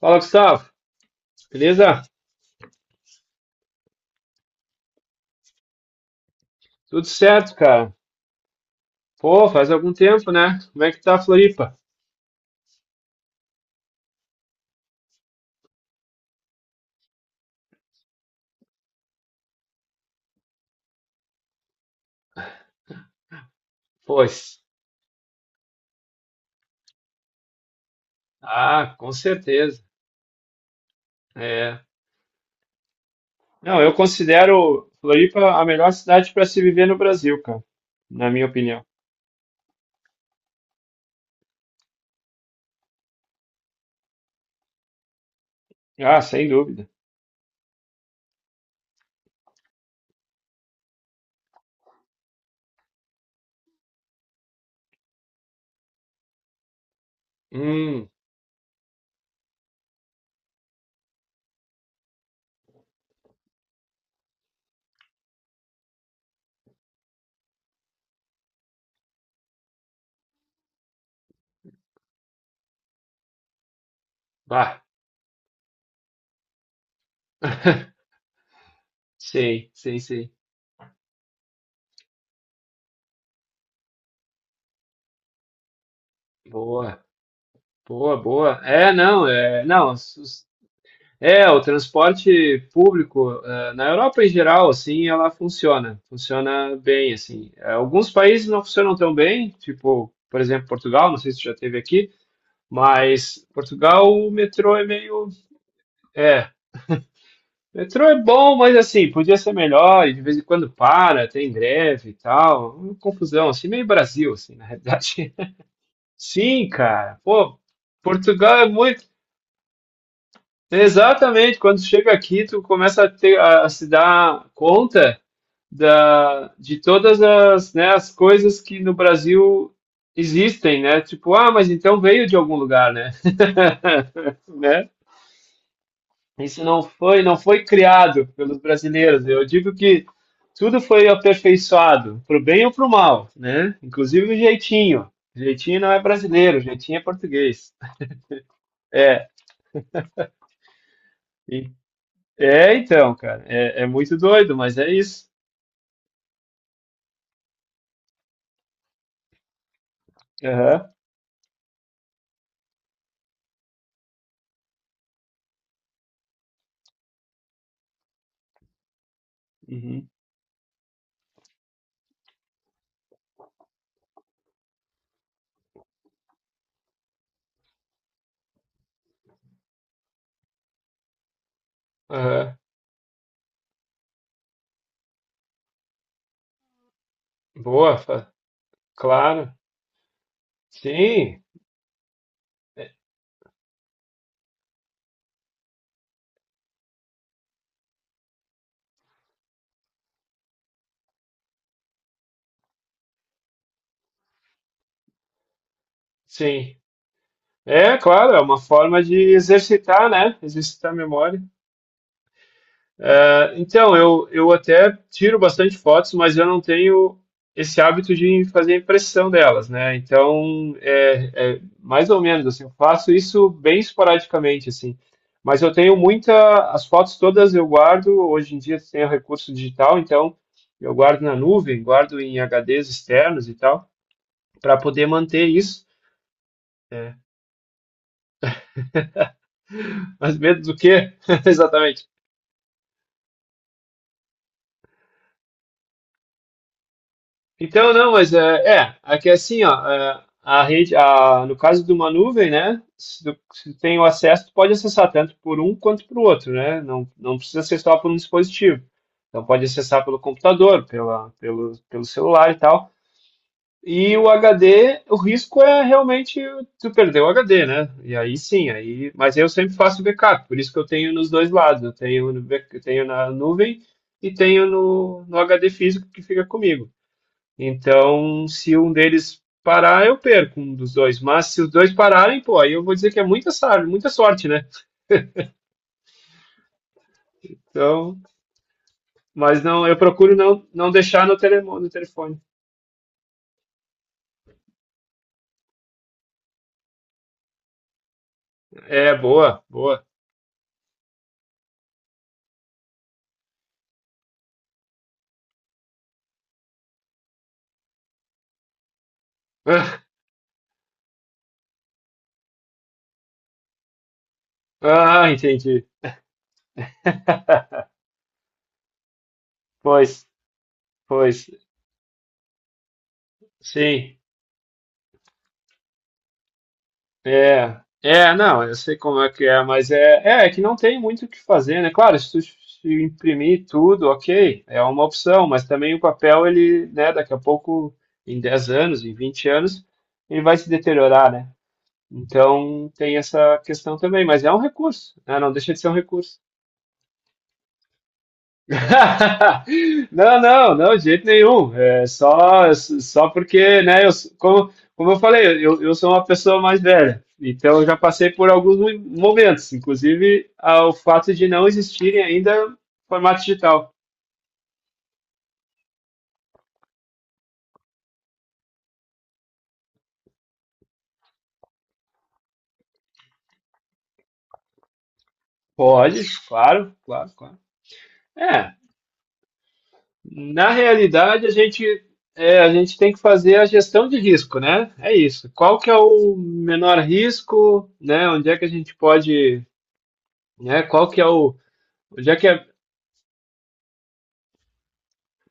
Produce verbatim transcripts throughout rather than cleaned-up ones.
Fala, Gustavo. Beleza? Tudo certo, cara. Pô, faz algum tempo, né? Como é que tá a Floripa? Pois. Ah, com certeza. É. Não, eu considero Floripa a melhor cidade para se viver no Brasil, cara. Na minha opinião. Ah, sem dúvida. Hum, bah. Sei, sei, sei. Boa, boa, boa. É, não, é, não. É, o transporte público, eh, na Europa em geral, assim, ela funciona, funciona bem, assim. Eh, Alguns países não funcionam tão bem, tipo, por exemplo, Portugal, não sei se tu já teve aqui, mas Portugal o metrô é meio, é, metrô é bom, mas assim, podia ser melhor, e de vez em quando para, tem greve e tal, uma confusão, assim, meio Brasil, assim, na realidade. Sim, cara, pô. Portugal é muito. Exatamente, quando chega aqui, tu começa a, ter, a, a se dar conta da, de todas as, né, as coisas que no Brasil existem, né? Tipo, ah, mas então veio de algum lugar, né? Né? Isso não foi, não foi criado pelos brasileiros. Eu digo que tudo foi aperfeiçoado, pro bem ou pro mal, né? Inclusive o jeitinho. O jeitinho não é brasileiro, o jeitinho é português. É, e- é então, cara, é, é muito doido, mas é isso. Aham, uhum. Aham. Boa, fa- claro. Sim, sim. É, claro, é uma forma de exercitar, né? Exercitar a memória. É, então, eu, eu até tiro bastante fotos, mas eu não tenho esse hábito de fazer impressão delas, né? Então, é, é mais ou menos assim, eu faço isso bem esporadicamente, assim. Mas eu tenho muita, as fotos todas eu guardo, hoje em dia tem o recurso digital, então eu guardo na nuvem, guardo em H Ds externos e tal, para poder manter isso. É. Mas medo do quê? Exatamente. Então, não, mas é, é, aqui é assim, ó, é, a rede, a, no caso de uma nuvem, né, se tu, se tu tem o acesso, tu pode acessar tanto por um quanto por outro, né, não, não precisa acessar por um dispositivo. Então, pode acessar pelo computador, pela, pelo, pelo celular e tal. E o H D, o risco é realmente tu perder o H D, né? E aí sim, aí, mas eu sempre faço backup, por isso que eu tenho nos dois lados, eu tenho, no, back- eu tenho na nuvem e tenho no, no H D físico que fica comigo. Então, se um deles parar, eu perco um dos dois. Mas se os dois pararem, pô, aí eu vou dizer que é muita sorte, muita sorte, né? Então, mas não, eu procuro não, não deixar no, tele, no telefone. É, boa, boa. Ah, entendi. Pois, pois, sim. É, é, não, eu sei como é que é, mas é, é, é que não tem muito o que fazer, né? Claro, se tu se imprimir tudo, ok, é uma opção, mas também o papel, ele, né, daqui a pouco, em dez anos, em vinte anos, ele vai se deteriorar, né? Então tem essa questão também, mas é um recurso, né? Não deixa de ser um recurso. Não, não, não, de jeito nenhum. É só, só porque, né, eu, como, como eu falei, eu, eu sou uma pessoa mais velha, então eu já passei por alguns mo- momentos, inclusive ao fato de não existirem ainda formato digital. Pode, claro, claro, claro. É, na realidade a gente, é, a gente tem que fazer a gestão de risco, né? É isso. Qual que é o menor risco, né? Onde é que a gente pode, né? Qual que é o, onde é que é.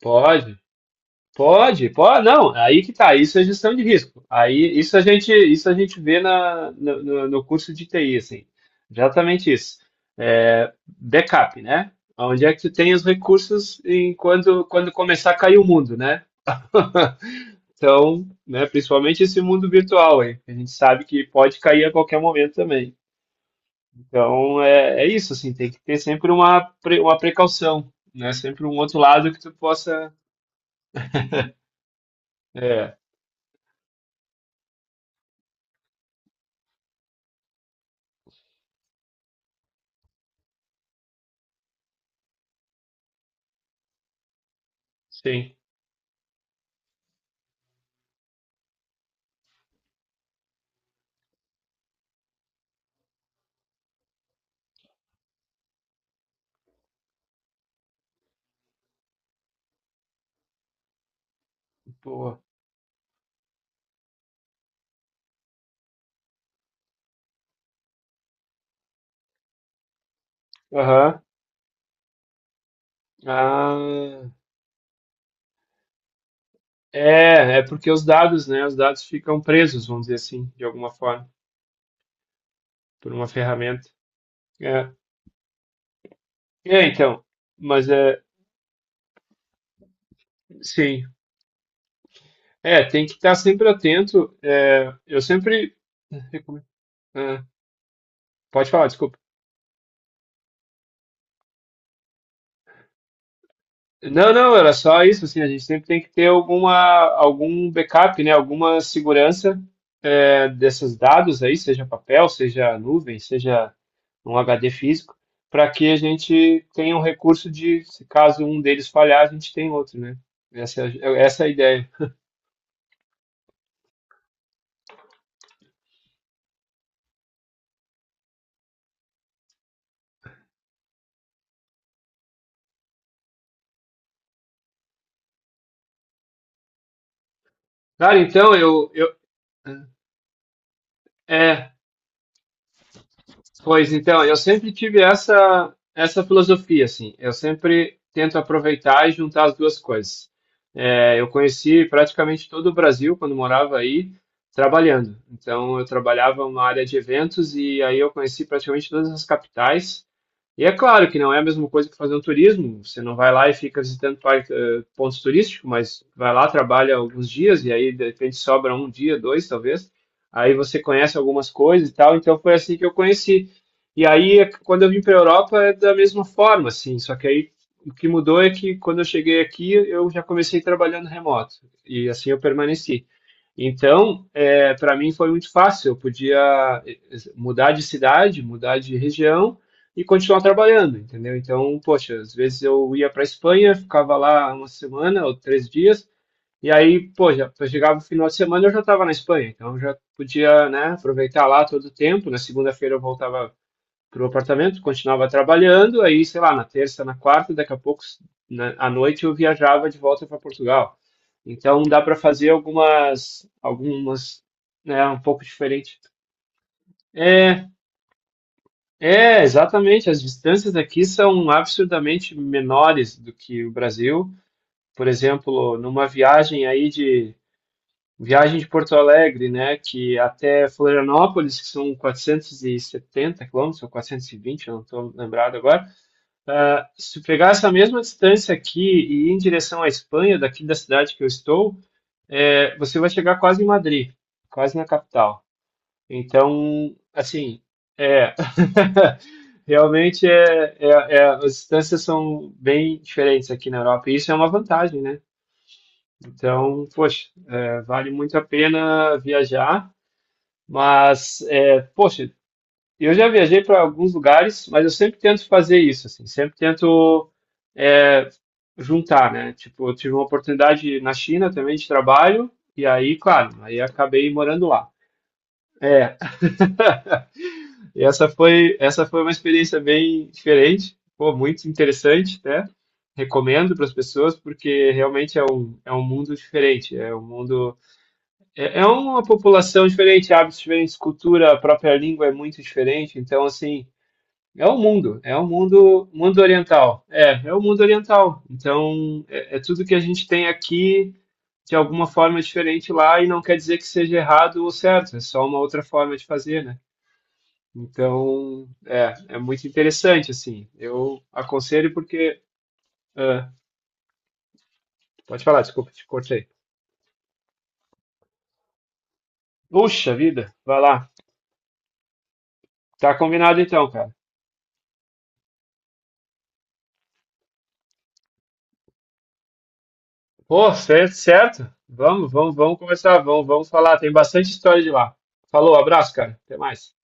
Pode, pode, pode, não, aí que tá, isso é gestão de risco. Aí isso a gente, isso a gente vê na, no, no- no curso de T I, assim, exatamente isso. É, backup, né? Onde é que tu tem os recursos em quando, quando começar a cair o mundo, né? Então, né, principalmente esse mundo virtual aí, que a gente sabe que pode cair a qualquer momento também. Então, é, é isso, assim, tem que ter sempre uma, pre- uma precaução, né? Sempre um outro lado que tu possa, é, sim. Boa. Aham. Ah, é, é porque os dados, né? Os dados ficam presos, vamos dizer assim, de alguma forma, por uma ferramenta. É, é então. Mas é, sim. É, tem que estar sempre atento. É, eu sempre recomendo. Ah, pode falar, desculpa. Não, não, era só isso, assim, a gente sempre tem que ter alguma, algum backup, né, alguma segurança é, desses dados aí, seja papel, seja nuvem, seja um H D físico, para que a gente tenha um recurso de, se caso um deles falhar, a gente tem outro, né? Essa, é a- essa é a ideia. Cara, então, eu, eu, é, Pois então, eu sempre tive essa essa filosofia assim. Eu sempre tento aproveitar e juntar as duas coisas. É, eu conheci praticamente todo o Brasil quando morava aí trabalhando. Então eu trabalhava numa área de eventos e aí eu conheci praticamente todas as capitais. E é claro que não é a mesma coisa que fazer um turismo. Você não vai lá e fica visitando par- eh, pontos turísticos, mas vai lá, trabalha alguns dias e aí de repente sobra um dia, dois talvez. Aí você conhece algumas coisas e tal. Então foi assim que eu conheci. E aí, quando eu vim para a Europa, é da mesma forma, assim, só que aí o que mudou é que quando eu cheguei aqui, eu já comecei trabalhando remoto, e assim eu permaneci. Então, é, para mim foi muito fácil, eu podia eh, mudar de cidade, mudar de região e continuar trabalhando, entendeu? Então, poxa, às vezes eu ia para a Espanha, ficava lá uma semana ou três dias, e aí, pô, já eu chegava no final de semana eu já estava na Espanha, então eu já podia, né, aproveitar lá todo o tempo. Na segunda-feira eu voltava para o apartamento, continuava trabalhando, aí, sei lá, na terça, na quarta, daqui a pouco, na, à noite, eu viajava de volta para Portugal. Então, dá para fazer algumas, algumas, né, um pouco diferente. É, é, exatamente, as distâncias aqui são absurdamente menores do que o Brasil. Por exemplo, numa viagem aí de, viagem de Porto Alegre, né, que até Florianópolis, que são quatrocentos e setenta quilômetros, ou quatrocentos e vinte, eu não estou lembrado agora. Ah, se pegar essa mesma distância aqui e ir em direção à Espanha, daqui da cidade que eu estou, é, você vai chegar quase em Madrid, quase na capital. Então, assim, é, realmente é, é, é- as distâncias são bem diferentes aqui na Europa, e isso é uma vantagem, né? Então, poxa, é, vale muito a pena viajar, mas, é, poxa, eu já viajei para alguns lugares, mas eu sempre tento fazer isso, assim, sempre tento é, juntar, né? Tipo, eu tive uma oportunidade na China também de trabalho, e aí, claro, aí acabei morando lá. É, e essa foi, essa foi uma experiência bem diferente, pô, muito interessante, né? Recomendo para as pessoas, porque realmente é um, é um mundo diferente, é um mundo, é, é uma população diferente, hábitos diferentes, cultura, a própria língua é muito diferente, então, assim, é o mundo, é o mundo, mundo oriental. É, é o mundo oriental. Então, é, é tudo que a gente tem aqui de alguma forma diferente lá e não quer dizer que seja errado ou certo, é só uma outra forma de fazer, né? Então, é, é muito interessante, assim. Eu aconselho porque... ah, pode falar, desculpa, te cortei. Puxa vida, vai lá. Tá combinado então, cara. Pô, certo, certo. Vamos, vamos, vamos conversar, vamos, vamos falar. Tem bastante história de lá. Falou, abraço, cara. Até mais.